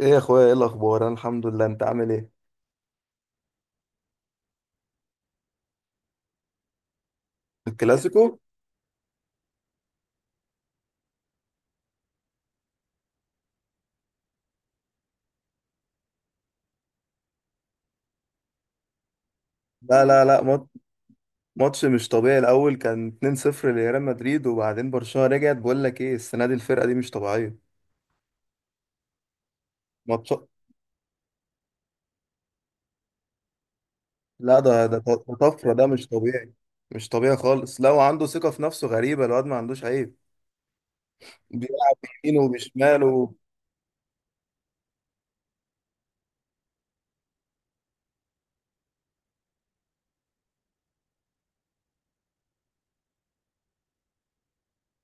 ايه يا اخويا، ايه الاخبار؟ انا الحمد لله، انت عامل ايه؟ الكلاسيكو. لا لا لا، ماتش مش طبيعي. الاول كان 2-0 لريال مدريد، وبعدين برشلونة رجعت. بقول لك ايه، السنة دي الفرقة دي مش طبيعية. ماتش. لا ده طفرة، ده مش طبيعي. مش طبيعي خالص، لا وعنده ثقة في نفسه غريبة، الواد ما عندوش عيب. بيلعب بيمينه وبشماله.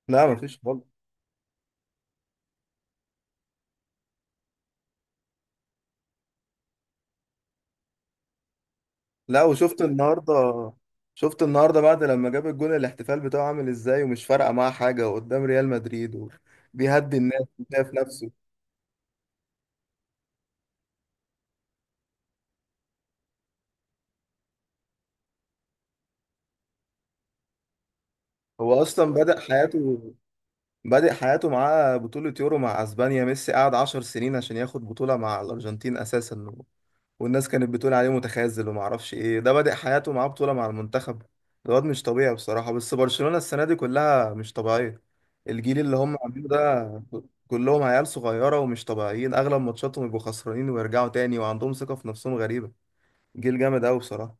لا مفيش خالص. لا، وشفت النهارده شفت النهارده بعد لما جاب الجون الاحتفال بتاعه عامل ازاي، ومش فارقة معاه حاجة، وقدام ريال مدريد بيهدي الناس وشايف نفسه. هو اصلا بدأ حياته معاه بطولة يورو مع اسبانيا. ميسي قعد 10 سنين عشان ياخد بطولة مع الارجنتين اساسا، والناس كانت بتقول عليه متخاذل وما اعرفش ايه. ده بدأ حياته معاه بطولة مع المنتخب. الواد مش طبيعي بصراحة، بس برشلونة السنة دي كلها مش طبيعية. الجيل اللي هم عاملينه ده كلهم عيال صغيرة ومش طبيعيين، اغلب ماتشاتهم يبقوا خسرانين ويرجعوا تاني، وعندهم ثقة في نفسهم غريبة. جيل جامد قوي بصراحة.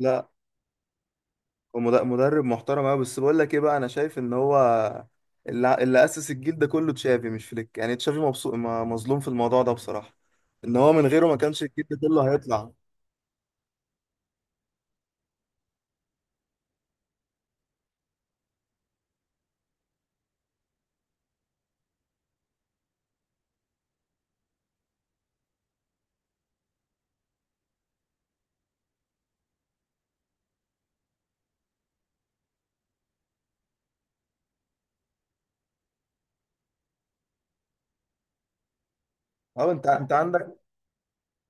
لا، ومد- مدرب محترم قوي، بس بقول لك ايه بقى، انا شايف ان هو اللي اسس الجيل ده كله تشافي مش فليك. يعني تشافي مبسوط، مظلوم في الموضوع ده بصراحة. ان هو من غيره ما كانش الجيل ده كله هيطلع. اه، انت عندك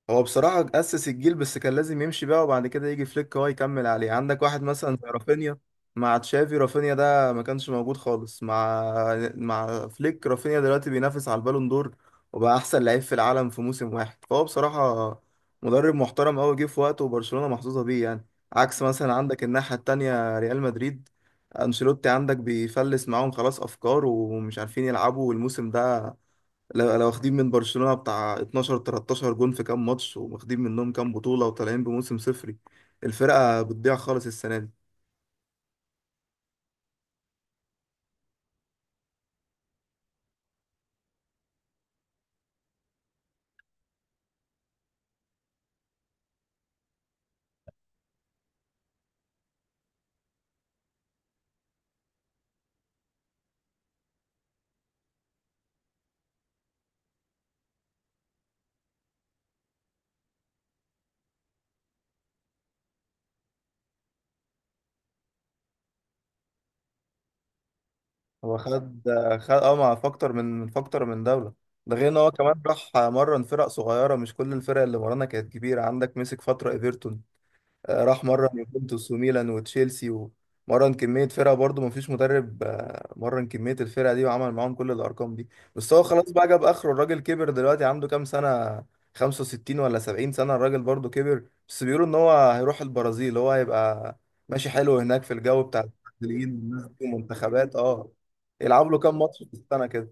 هو بصراحة أسس الجيل، بس كان لازم يمشي بقى، وبعد كده يجي فليك هو يكمل عليه. عندك واحد مثلا زي رافينيا، مع تشافي رافينيا ده ما كانش موجود خالص، مع فليك رافينيا دلوقتي بينافس على البالون دور، وبقى أحسن لعيب في العالم في موسم واحد. فهو بصراحة مدرب محترم أوي، جه في وقته، وبرشلونة محظوظة بيه يعني. عكس مثلا عندك الناحية التانية ريال مدريد، أنشيلوتي عندك بيفلس معاهم، خلاص أفكار ومش عارفين يلعبوا، والموسم ده لو واخدين من برشلونة بتاع 12 13 جون في كام ماتش، وواخدين منهم كام بطولة، وطالعين بموسم صفري. الفرقة بتضيع خالص السنة دي. هو خد، مع فاكتور من فاكتور من دولة. ده غير ان هو كمان راح مرن فرق صغيرة، مش كل الفرق اللي مرنا كانت كبيرة، عندك مسك فترة ايفرتون، راح مرن يوفنتوس وميلان وتشيلسي، ومرن كمية فرقة. برضه مفيش مدرب مرن كمية الفرقة دي وعمل معاهم كل الأرقام دي. بس هو خلاص بقى جاب آخره، الراجل كبر، دلوقتي عنده كام سنة، 65 ولا 70 سنة، الراجل برضه كبر، بس بيقولوا إن هو هيروح البرازيل، هو هيبقى ماشي حلو هناك في الجو بتاع البرازيليين والناس دي ومنتخبات اه يلعب له كام ماتش في السنة كده.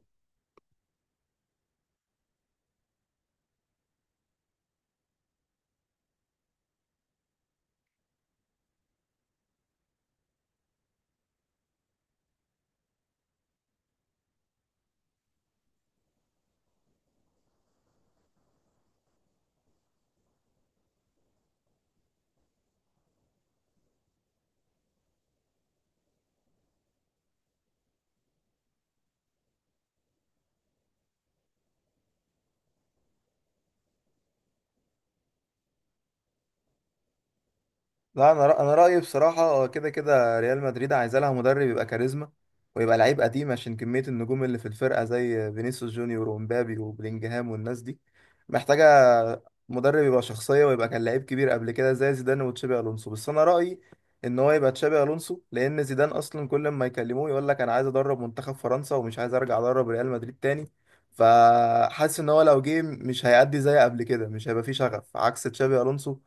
لا، انا رايي بصراحه كده كده ريال مدريد عايزه لها مدرب يبقى كاريزما، ويبقى لعيب قديم، عشان كميه النجوم اللي في الفرقه زي فينيسيوس جونيور ومبابي وبلينجهام والناس دي، محتاجه مدرب يبقى شخصيه، ويبقى كان لعيب كبير قبل كده زي زيدان وتشابي الونسو. بس انا رايي ان هو يبقى تشابي الونسو، لان زيدان اصلا كل ما يكلموه يقول لك انا عايز ادرب منتخب فرنسا ومش عايز ارجع ادرب ريال مدريد تاني. فحاسس ان هو لو جه مش هيأدي زي قبل كده، مش هيبقى فيه شغف، عكس تشابي الونسو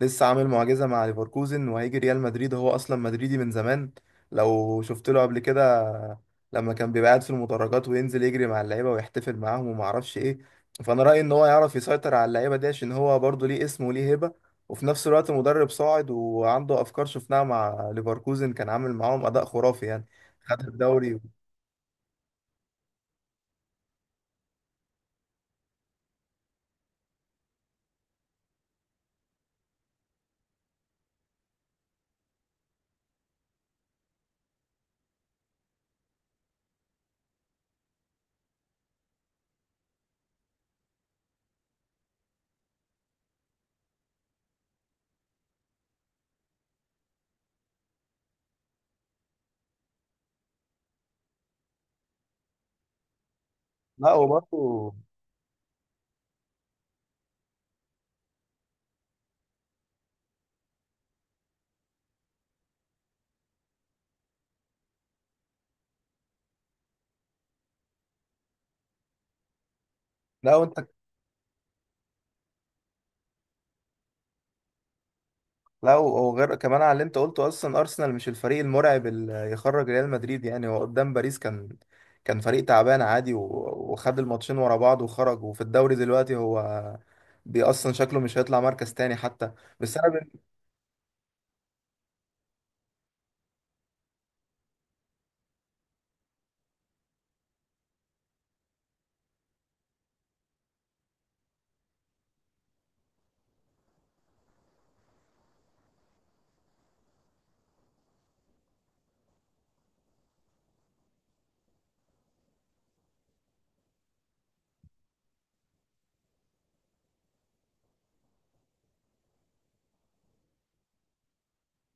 لسه عامل معجزة مع ليفركوزن، وهيجي ريال مدريد هو أصلا مدريدي من زمان. لو شفت له قبل كده لما كان بيبقى قاعد في المدرجات وينزل يجري مع اللعيبة ويحتفل معاهم وما أعرفش إيه. فأنا رأيي إن هو يعرف يسيطر على اللعيبة دي، عشان هو برضه ليه اسم وليه هيبة، وفي نفس الوقت مدرب صاعد وعنده أفكار شفناها مع ليفركوزن، كان عامل معاهم أداء خرافي يعني. خد الدوري. لا وبرضه. لا لا، وغير كمان على اللي انت قلته، اصلا ارسنال مش الفريق المرعب اللي يخرج ريال مدريد. يعني هو قدام باريس كان كان فريق تعبان عادي، وخد الماتشين ورا بعض وخرج، وفي الدوري دلوقتي هو اصلا شكله مش هيطلع مركز تاني حتى. بس انا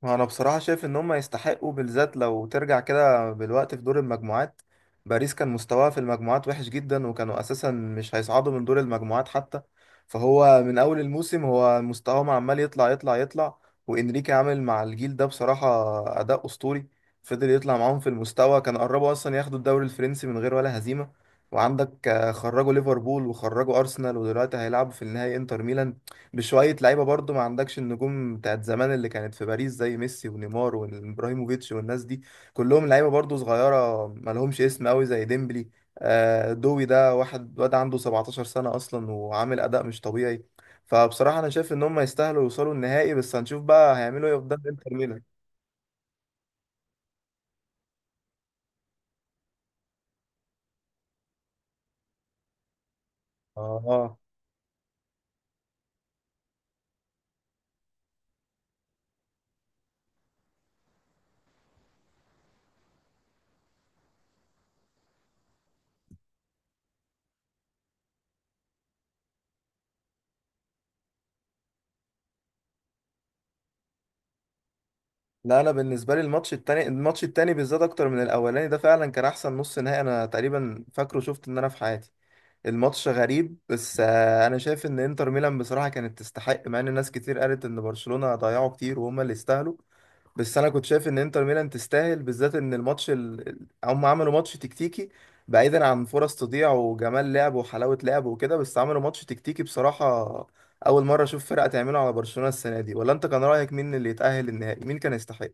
انا بصراحه شايف ان هم يستحقوا، بالذات لو ترجع كده بالوقت في دور المجموعات، باريس كان مستواها في المجموعات وحش جدا، وكانوا اساسا مش هيصعدوا من دور المجموعات حتى. فهو من اول الموسم هو مستواهم عمال يطلع يطلع يطلع، وانريكي عامل مع الجيل ده بصراحه اداء اسطوري، فضل يطلع معاهم في المستوى، كان قربوا اصلا ياخدوا الدوري الفرنسي من غير ولا هزيمه. وعندك خرجوا ليفربول وخرجوا ارسنال، ودلوقتي هيلعبوا في النهائي انتر ميلان، بشوية لعيبة برضو، ما عندكش النجوم بتاعت زمان اللي كانت في باريس زي ميسي ونيمار وابراهيموفيتش والناس دي، كلهم لعيبة برضو صغيرة، ما لهمش اسم قوي، زي ديمبلي، دوي ده واحد واد عنده 17 سنة أصلا، وعامل أداء مش طبيعي. فبصراحة أنا شايف إن هم يستاهلوا يوصلوا النهائي، بس هنشوف بقى هيعملوا إيه قدام إنتر ميلان. آه. لا، أنا بالنسبة لي الماتش التاني، بالذات أكتر من الأولاني ده، فعلا كان أحسن نص نهائي أنا تقريبا فاكره شفت إن أنا في حياتي. الماتش غريب، بس انا شايف ان انتر ميلان بصراحه كانت تستحق، مع ان ناس كتير قالت ان برشلونه ضيعوا كتير وهم اللي يستاهلوا. بس انا كنت شايف ان انتر ميلان تستاهل، بالذات ان الماتش هم عملوا ماتش تكتيكي، بعيدا عن فرص تضيع وجمال لعب وحلاوه لعب وكده، بس عملوا ماتش تكتيكي بصراحه. اول مره اشوف فرقه تعمله على برشلونه السنه دي. ولا انت كان رايك مين اللي يتاهل النهائي؟ مين كان يستحق؟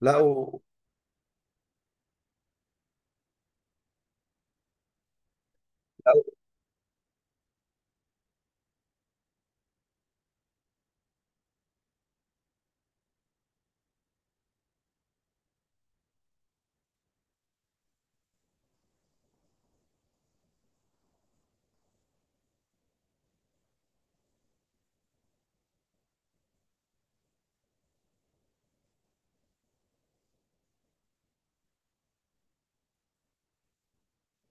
لا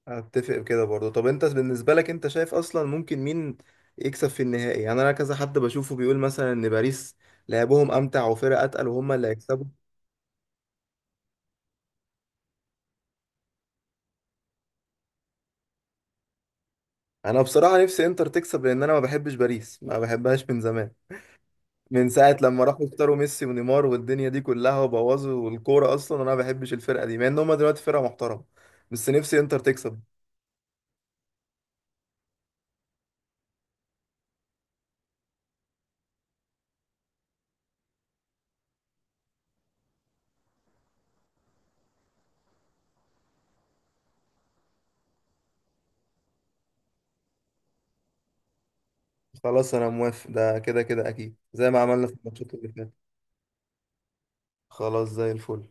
اتفق كده برضه. طب انت بالنسبه لك انت شايف اصلا ممكن مين يكسب في النهائي؟ يعني انا كذا حد بشوفه بيقول مثلا ان باريس لعبهم امتع وفرق اتقل وهم اللي هيكسبوا. انا بصراحه نفسي انتر تكسب، لان انا ما بحبش باريس، ما بحبهاش من زمان، من ساعه لما راحوا اختاروا ميسي ونيمار والدنيا دي كلها وبوظوا الكوره. اصلا انا ما بحبش الفرقه دي، مع ان هم دلوقتي فرقه محترمه، بس نفسي انتر تكسب. خلاص انا موافق، ده كده كده اكيد زي ما عملنا في الماتشات اللي فاتت. خلاص زي الفل.